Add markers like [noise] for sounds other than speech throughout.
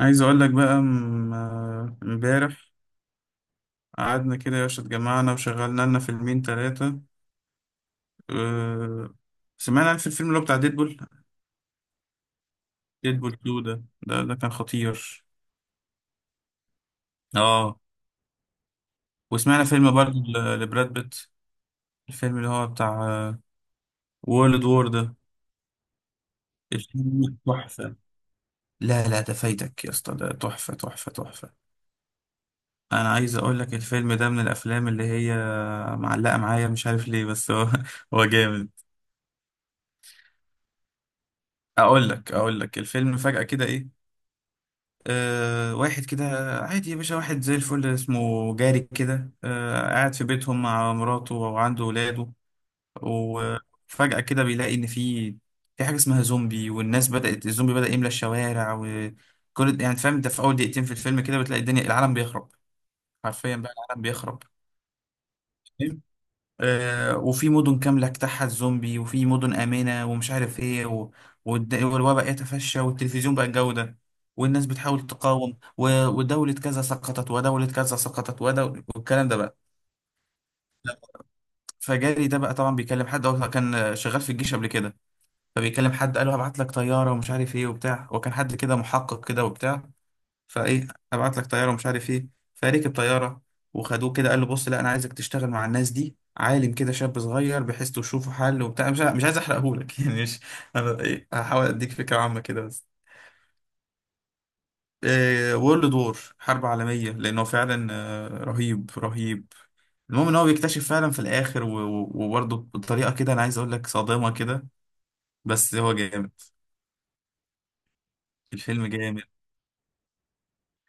عايز اقول لك بقى امبارح قعدنا كده يا باشا، اتجمعنا وشغلنا لنا فيلمين ثلاثة. أه سمعنا في الفيلم اللي هو بتاع ديدبول. ديدبول 2 ده كان خطير. اه، وسمعنا فيلم برضه لبراد بيت، الفيلم اللي هو بتاع وورلد وور ده. الفيلم تحفة. لا لا، ده فايتك يا اسطى، ده تحفة تحفة تحفة. انا عايز اقول لك الفيلم ده من الافلام اللي هي معلقة معايا، مش عارف ليه، بس هو [laughs] هو جامد. اقول لك اقول لك الفيلم فجأة كده ايه، واحد كده عادي يا باشا، واحد زي الفل اسمه جاري كده، قاعد في بيتهم مع مراته وعنده ولاده. وفجأة كده بيلاقي ان في حاجة اسمها زومبي، والناس بدأت الزومبي بدأ يملى الشوارع، وكل يعني فاهم انت. في اول دقيقتين في الفيلم كده بتلاقي الدنيا، العالم بيخرب، حرفيا بقى العالم بيخرب. وفي مدن كاملة اجتاحها الزومبي، وفي مدن آمنة، ومش عارف ايه و... والوباء يتفشى، والتلفزيون بقى الجودة، والناس بتحاول تقاوم و... ودولة كذا سقطت، ودولة كذا سقطت، والكلام ده بقى. فجاري ده بقى طبعا بيكلم حد، هو كان شغال في الجيش قبل كده. فبيكلم حد قال له هبعت لك طيارة، ومش عارف ايه وبتاع، وكان حد كده محقق كده وبتاع. فايه، ابعت لك طياره ومش عارف ايه. فركب طياره وخدوه كده، قال له بص، لا انا عايزك تشتغل مع الناس دي، عالم كده شاب صغير، بحيث تشوفوا حل وبتاع، مش عايز احرقهولك [laughs] يعني مش، انا ايه، هحاول اديك فكره عامه كده بس. إيه، وورلد وور، حرب عالميه، لانه فعلا رهيب رهيب. المهم ان هو بيكتشف فعلا في الاخر، وبرضه بطريقه كده انا عايز اقول لك صادمه كده، بس هو جامد. الفيلم جامد.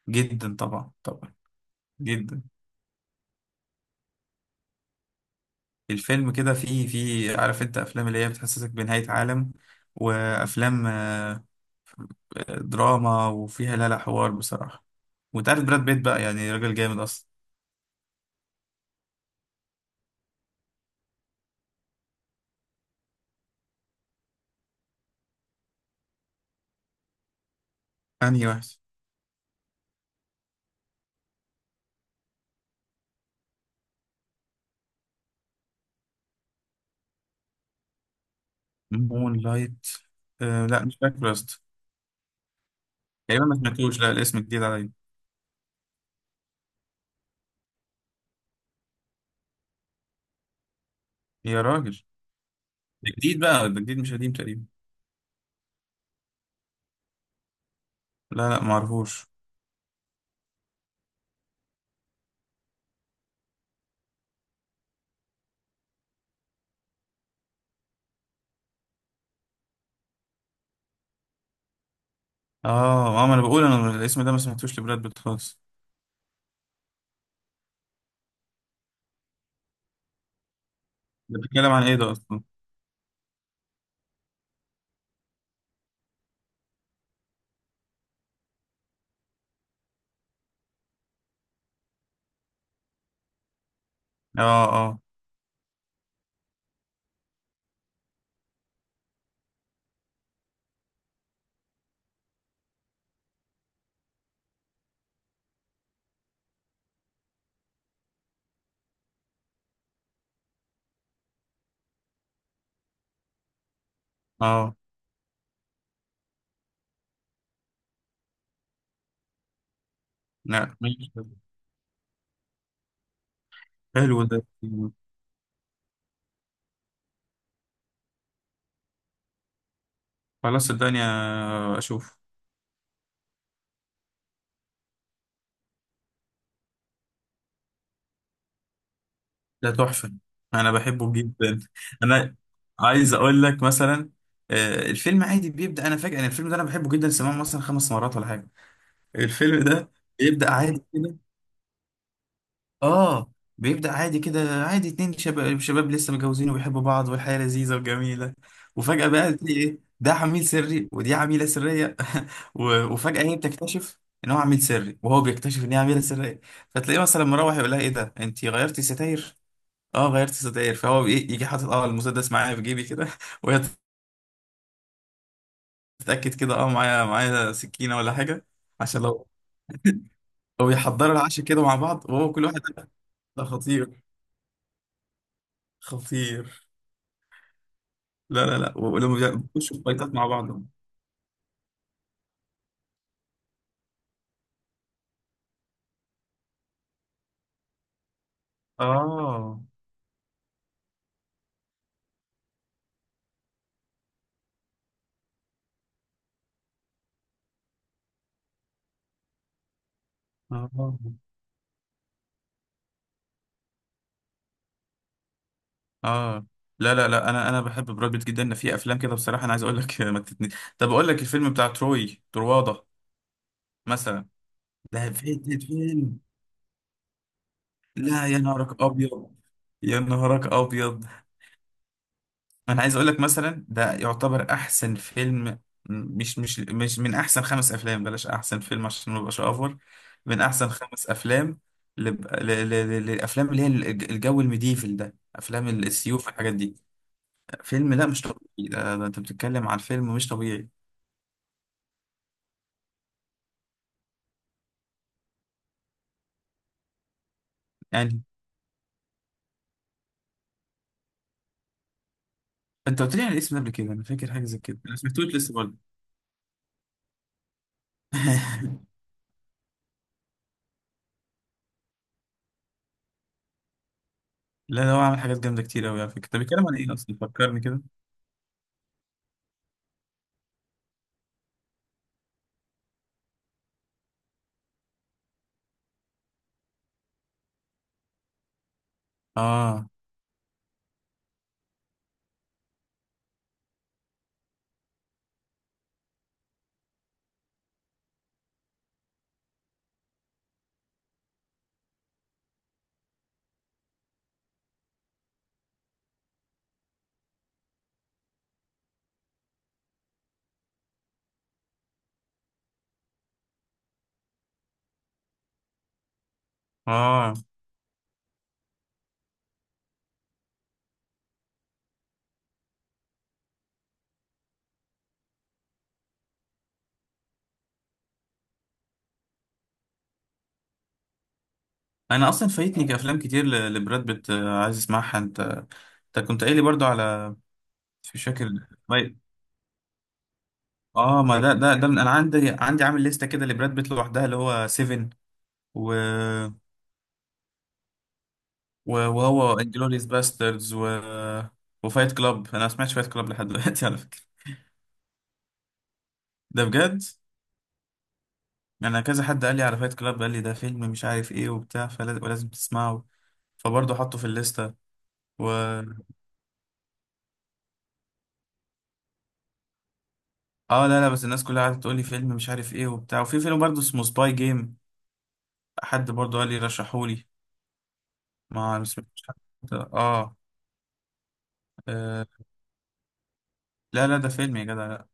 جدا طبعا طبعا، جدا. الفيلم كده فيه عارف انت افلام اللي هي بتحسسك بنهاية عالم، وافلام دراما، وفيها لا لا حوار بصراحة. وانت عارف براد بيت بقى يعني راجل جامد اصلا. انهي واحد؟ مون لايت. آه لا، مش فاكر يا اسطى، تقريبا ما سمعتوش، لا الاسم جديد عليا. يا راجل! ده جديد بقى، ده جديد مش قديم تقريبا. لا لا، ما اعرفوش. اه اه، ما انا بقول انا الاسم ده ما سمعتوش لبراد بيت خالص. ده بيتكلم عن ايه ده اصلا؟ اه اه اه، لا ماشي. حلو ده. خلاص، الدنيا اشوف. ده تحفة، انا بحبه جدا. انا عايز اقول لك مثلا، الفيلم عادي بيبدأ. انا فاكر ان الفيلم ده انا بحبه جدا، سمعه مثلا خمس مرات ولا حاجة الفيلم ده. بيبدأ عادي كده. اه، بيبدأ عادي كده، عادي، اتنين شباب، شباب لسه متجوزين وبيحبوا بعض، والحياة لذيذة وجميلة. وفجأة بقى تلاقي ايه، ده عميل سري ودي عميلة سرية. [laughs] وفجأة هي بتكتشف ان هو عميل سري، وهو بيكتشف ان هي عميلة سرية. فتلاقيه مثلا مروح يقول لها ايه ده، انت غيرتي ستاير؟ اه غيرت ستاير، فهو بي- إيه، يجي حاطط اه المسدس معايا في جيبي كده [laughs] وهي تتاكد كده، اه معايا سكينه ولا حاجه، عشان لو بيحضروا العشاء كده مع بعض، وهو كل واحد ده خطير خطير. لا لا لا، ولما بيخشوا في فايتات مع بعض. اه اه اه، لا لا لا، انا بحب براد بيت جدا، في افلام كده بصراحه انا عايز اقول لك [laughs] ما تتني. طب اقول لك الفيلم بتاع تروي ترواضه مثلا، ده فيلم، لا يا نهارك ابيض، يا نهارك ابيض. انا عايز اقول لك مثلا ده يعتبر احسن فيلم. مش من احسن خمس افلام، بلاش احسن فيلم عشان ما ابقاش اوفر، من احسن خمس افلام للافلام اللي هي الجو الميديفل ده، افلام السيوف والحاجات دي. فيلم لا مش طبيعي، ده انت بتتكلم عن فيلم مش طبيعي يعني. انت قلت لي على الاسم ده قبل كده، انا فاكر حاجه زي كده، انا سمعتوش لسه برضه. [laughs] لا، ده هو عامل حاجات جامده كتير قوي على فكره. طب بيتكلم عن ايه اصلا؟ فكرني كده. اه اه، انا اصلا فايتني افلام كتير لبراد بيت. عايز اسمعها. انت انت كنت قايل لي برضو على، مش فاكر. طيب. اه، ما ده من، انا عندي عامل لستة كده لبراد بيت لوحدها، اللي هو سيفن و... وهو انجلوريس باستردز، و... وفايت كلاب. انا ما سمعتش فايت كلاب لحد دلوقتي على فكرة. ده بجد، انا كذا حد قال لي على فايت كلاب، قال لي ده فيلم مش عارف ايه وبتاع، فلازم ولازم تسمعه. فبرضه حطه في الليستة. و اه، لا لا، بس الناس كلها قعدت تقول لي فيلم مش عارف ايه وبتاع. وفي فيلم برضه اسمه سباي جيم، حد برضه قال لي رشحولي، ما سمعتش حد. اه، آه، لا لا، ده فيلم يا جدع، لا.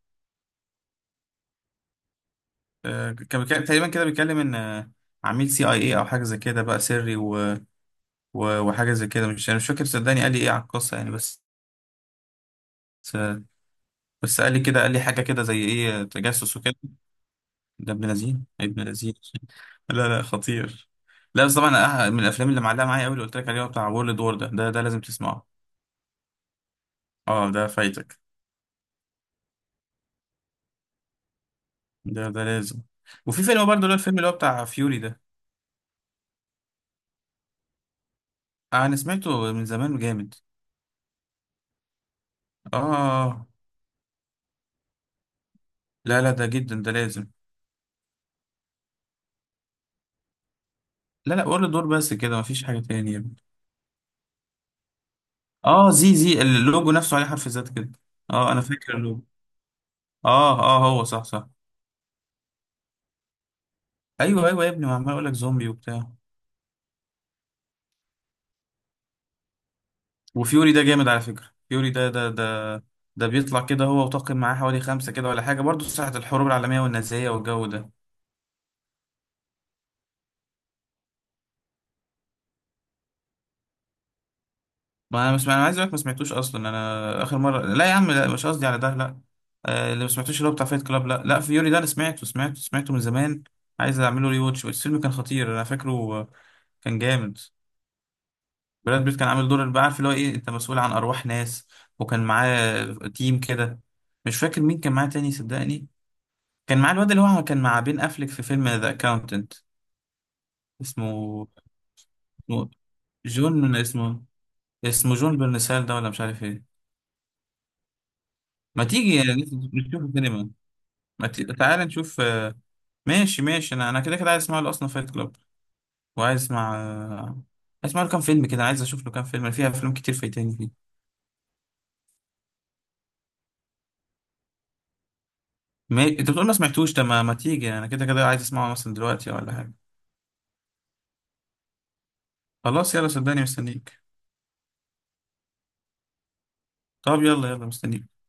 كان تقريبا كده بيتكلم ان عميل سي اي اي او حاجه زي كده بقى سري وحاجه زي كده. مش انا مش فاكر صدقني قال لي ايه على القصه يعني. بس بس قال لي كده، قال لي حاجه كده زي ايه تجسس وكده. ده ابن لذين، ابن لذين. [laughs] لا لا، خطير، لا بس طبعا. من الافلام اللي معلقه معايا قوي اللي قلت لك عليه هو بتاع وورلد وور ده لازم تسمعه. اه ده فايتك، ده لازم. وفي فيلم برضه اللي هو الفيلم اللي هو بتاع فيوري ده، انا سمعته من زمان، جامد. اه، لا لا، ده جدا، ده لازم. لا لا، ولا دور بس كده، مفيش حاجه تانية يا ابني. اه، زي اللوجو نفسه عليه حرف زد كده. اه انا فاكر اللوجو. اه اه، هو صح صح. ايوه ايوه يا ابني، ما عمال اقول لك زومبي وبتاع. وفيوري ده جامد على فكره، فيوري ده بيطلع كده، هو وطاقم معاه حوالي خمسه كده ولا حاجه، برضه ساعه الحروب العالميه والنازيه والجو ده. ما انا مش، انا عايز اقولك ما سمعتوش اصلا، انا اخر مره، لا يا عم، لا مش قصدي على ده، لا. اللي ما سمعتوش اللي هو بتاع فايت كلاب، لا لا، فيوري ده انا سمعته سمعته سمعته من زمان. عايز اعمله ري واتش. الفيلم كان خطير انا فاكره. آه، كان جامد. براد بيت كان عامل دور اللي بقى عارف اللي هو ايه، انت مسؤول عن ارواح ناس. وكان معاه تيم كده، مش فاكر مين كان معاه تاني صدقني. كان معاه الواد اللي هو كان مع بين افليك في فيلم ذا اكاونتنت، اسمه اسمه جون، اسمه جون برنسال ده ولا مش عارف ايه. ما تيجي نشوف السينما. ما تعال نشوف ماشي ماشي. انا كده كده عايز اسمع له اصلا فايت كلاب. وعايز اسمع عايز اسمع له كام فيلم كده. أنا عايز اشوف له كام فيلم، أنا فيها افلام كتير فايتاني فيه. ما... انت بتقول ما سمعتوش ده، ما تيجي انا كده كده عايز اسمعه مثلا دلوقتي ولا حاجه. خلاص يلا، صدقني مستنيك. طب يلا يلا مستنيك.